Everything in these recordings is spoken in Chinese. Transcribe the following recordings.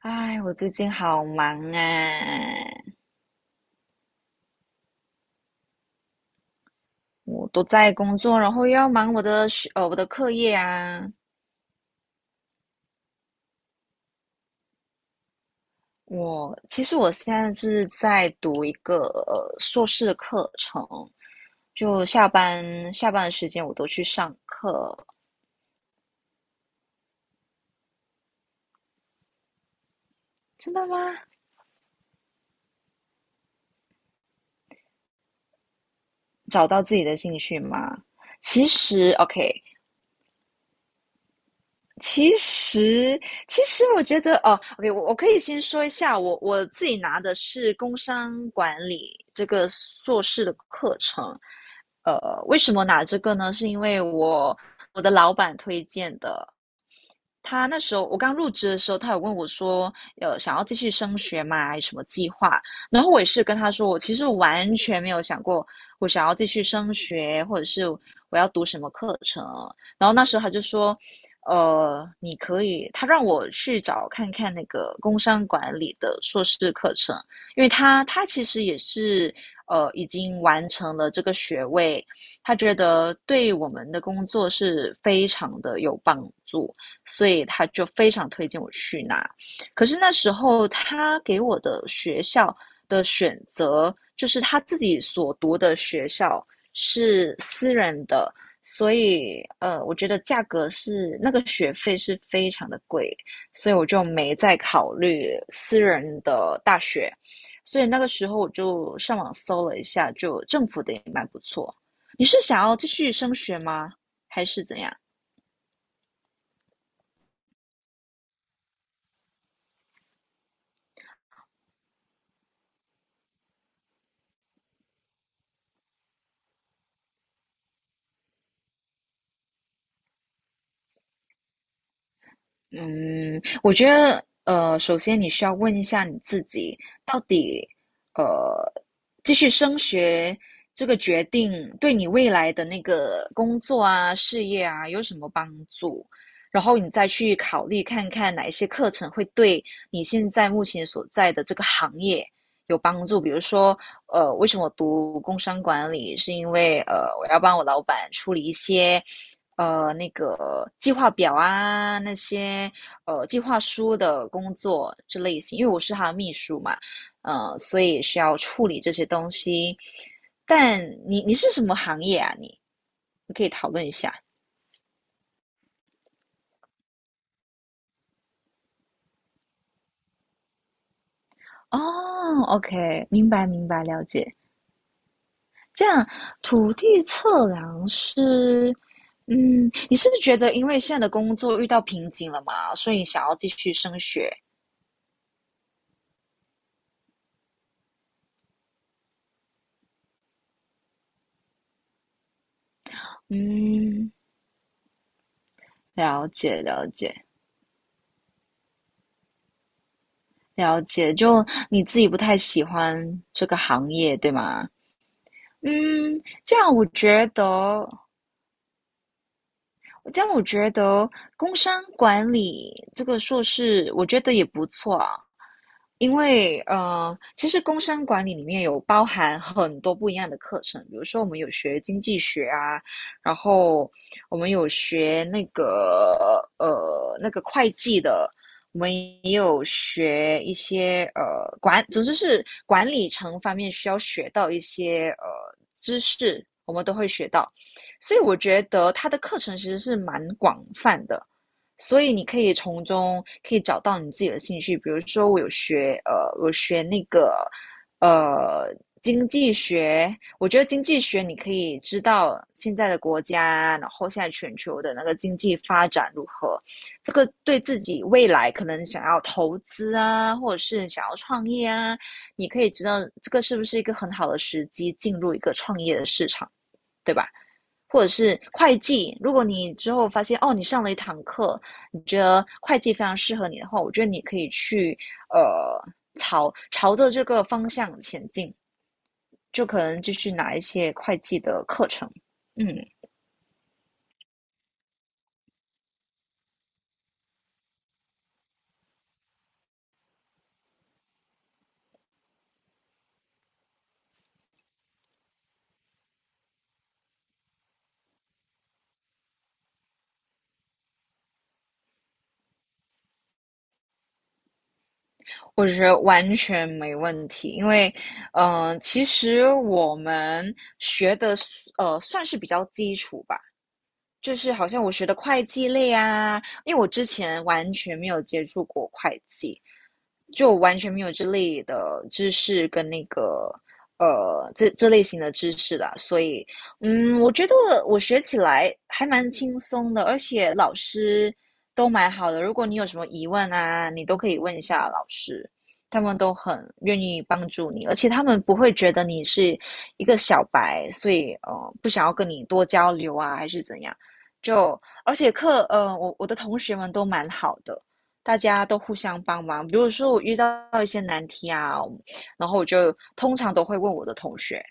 唉，我最近好忙啊，我都在工作，然后又要忙我的课业啊。我其实我现在是在读一个硕士的课程，就下班的时间我都去上课。真的吗？找到自己的兴趣吗？其实，OK，其实，其实我觉得哦，OK，我可以先说一下，我自己拿的是工商管理这个硕士的课程。呃，为什么拿这个呢？是因为我的老板推荐的。他那时候我刚入职的时候，他有问我说，想要继续升学吗？有什么计划？然后我也是跟他说，我其实完全没有想过我想要继续升学，或者是我要读什么课程。然后那时候他就说，你可以，他让我去找看看那个工商管理的硕士课程，因为他其实也是已经完成了这个学位，他觉得对我们的工作是非常的有帮助。所以他就非常推荐我去拿。可是那时候他给我的学校的选择，就是他自己所读的学校是私人的，所以我觉得价格是那个学费是非常的贵，所以我就没再考虑私人的大学。所以那个时候我就上网搜了一下，就政府的也蛮不错。你是想要继续升学吗？还是怎样？嗯，我觉得，首先你需要问一下你自己，到底，呃，继续升学这个决定对你未来的那个工作啊、事业啊有什么帮助？然后你再去考虑看看哪一些课程会对你现在目前所在的这个行业有帮助。比如说，为什么我读工商管理，是因为我要帮我老板处理一些。那个计划表啊，那些计划书的工作这类型，因为我是他的秘书嘛，所以需要处理这些东西。但你是什么行业啊？你你可以讨论一下。哦，OK，明白明白，了解。这样，土地测量师，嗯，你是不是觉得因为现在的工作遇到瓶颈了嘛，所以想要继续升学？嗯，了解了解。了解，就你自己不太喜欢这个行业，对吗？嗯，这样我觉得，这样我觉得工商管理这个硕士，我觉得也不错啊。因为其实工商管理里面有包含很多不一样的课程，比如说我们有学经济学啊，然后我们有学那个那个会计的，我们也有学一些总之是管理层方面需要学到一些知识，我们都会学到。所以我觉得他的课程其实是蛮广泛的，所以你可以可以找到你自己的兴趣。比如说，我学那个呃经济学，我觉得经济学你可以知道现在的国家，然后现在全球的那个经济发展如何，这个对自己未来可能想要投资啊，或者是想要创业啊，你可以知道这个是不是一个很好的时机进入一个创业的市场，对吧？或者是会计，如果你之后发现哦，你上了一堂课，你觉得会计非常适合你的话，我觉得你可以去呃朝着这个方向前进，就可能继续拿一些会计的课程。嗯，我觉得完全没问题，因为，其实我们学的算是比较基础吧，就是好像我学的会计类啊，因为我之前完全没有接触过会计，就完全没有这类的知识跟那个这类型的知识的，所以嗯，我觉得我学起来还蛮轻松的，而且老师都蛮好的。如果你有什么疑问啊，你都可以问一下老师，他们都很愿意帮助你，而且他们不会觉得你是一个小白，所以不想要跟你多交流啊，还是怎样。就而且课，呃，我的同学们都蛮好的，大家都互相帮忙。比如说我遇到一些难题啊，然后我就通常都会问我的同学，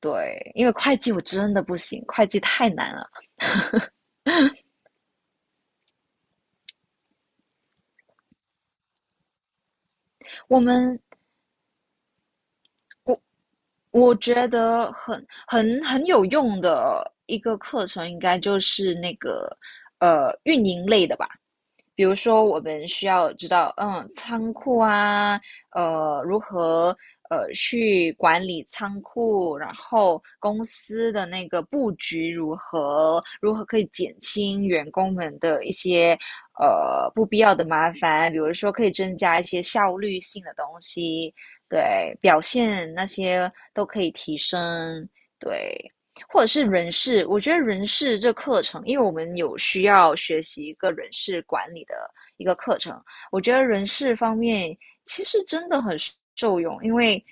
对，因为会计我真的不行，会计太难了。我们我觉得很有用的一个课程，应该就是那个运营类的吧。比如说，我们需要知道，嗯，仓库啊，呃，如何去管理仓库，然后公司的那个布局如何，如何可以减轻员工们的一些不必要的麻烦，比如说可以增加一些效率性的东西，对，表现那些都可以提升，对，或者是人事，我觉得人事这课程，因为我们有需要学习一个人事管理的一个课程，我觉得人事方面其实真的很受用，因为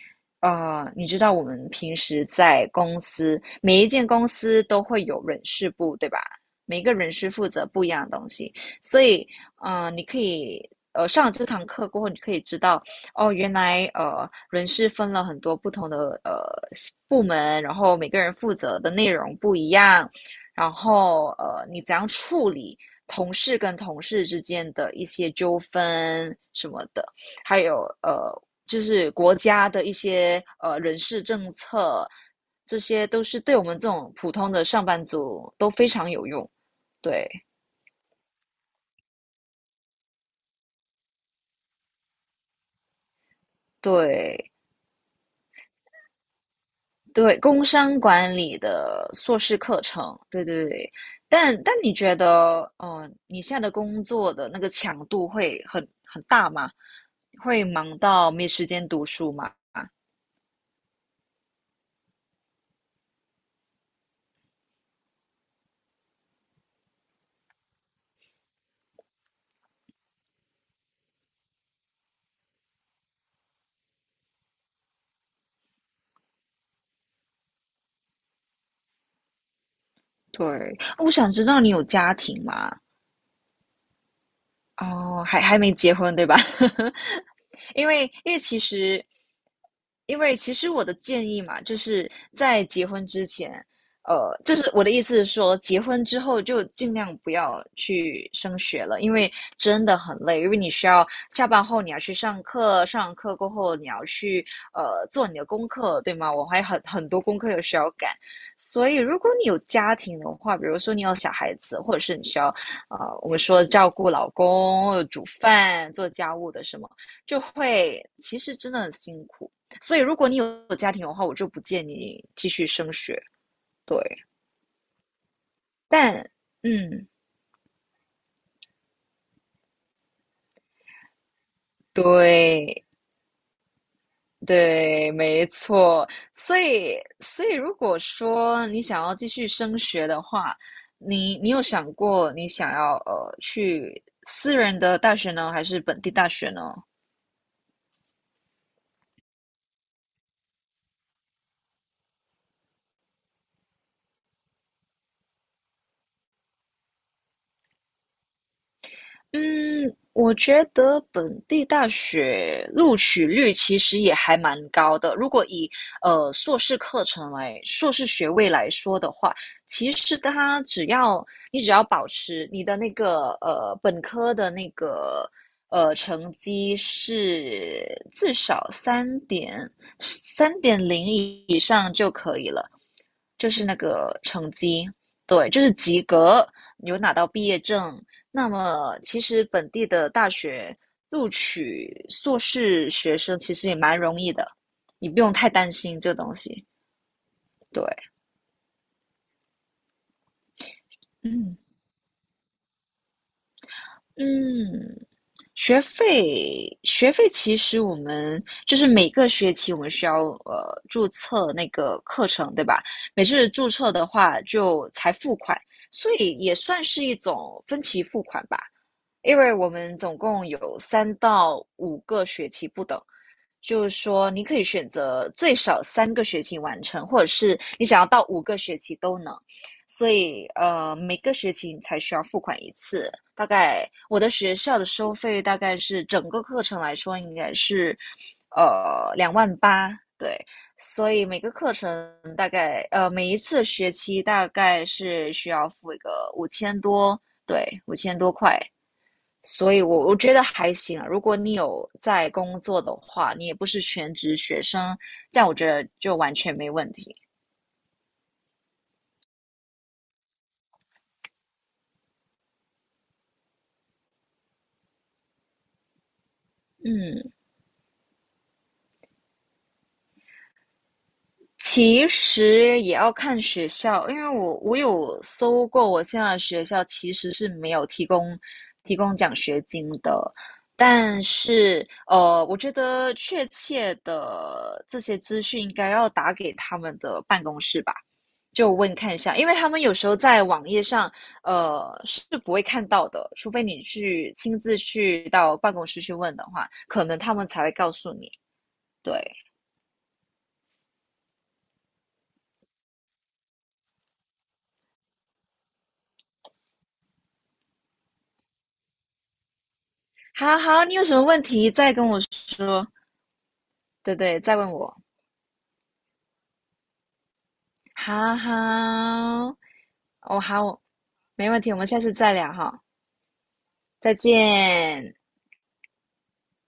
你知道我们平时在公司，每一间公司都会有人事部，对吧？每个人事负责不一样的东西，所以你可以上了这堂课过后，你可以知道哦，原来人事分了很多不同的呃部门，然后每个人负责的内容不一样，然后你怎样处理同事跟同事之间的一些纠纷什么的，还有就是国家的一些人事政策，这些都是对我们这种普通的上班族都非常有用。对对，对，工商管理的硕士课程，对对对。但你觉得，你现在的工作的那个强度会很大吗？会忙到没时间读书吗？对，我想知道你有家庭吗？哦，还还没结婚，对吧？因为因为其实，因为其实我的建议嘛，就是在结婚之前，就是我的意思是说，结婚之后就尽量不要去升学了，因为真的很累，因为你需要下班后你要去上课，上完课过后你要去做你的功课，对吗？我还很很多功课有需要赶，所以如果你有家庭的话，比如说你有小孩子，或者是你需要我们说照顾老公、煮饭、做家务的什么，就会其实真的很辛苦。所以如果你有家庭的话，我就不建议你继续升学。对，但嗯，对对，没错。所以如果说你想要继续升学的话，你有想过你想要去私人的大学呢，还是本地大学呢？嗯，我觉得本地大学录取率其实也还蛮高的。如果以硕士学位来说的话，其实它只要你只要保持你的那个本科的那个成绩是至少3.0以上就可以了，就是那个成绩，对，就是及格，有拿到毕业证。那么，其实本地的大学录取硕士学生其实也蛮容易的，你不用太担心这东西。对，嗯嗯，学费其实我们就是每个学期我们需要注册那个课程，对吧？每次注册的话就才付款，所以也算是一种分期付款吧。因为我们总共有3到5个学期不等，就是说你可以选择最少3个学期完成，或者是你想要到五个学期都能。所以每个学期你才需要付款一次。大概我的学校的收费大概是整个课程来说应该是2万8，对。所以每个课程大概每一次学期大概是需要付一个五千多，对，五千多块。所以我觉得还行啊如果你有在工作的话，你也不是全职学生，这样我觉得就完全没问题。嗯其实也要看学校，因为我有搜过，我现在的学校其实是没有提供奖学金的，但是我觉得确切的这些资讯应该要打给他们的办公室吧，就问看一下，因为他们有时候在网页上是不会看到的，除非你去亲自去到办公室去问的话，可能他们才会告诉你。对，好好，你有什么问题再跟我说，对对，再问我。好好，哦好，没问题，我们下次再聊哈，再见。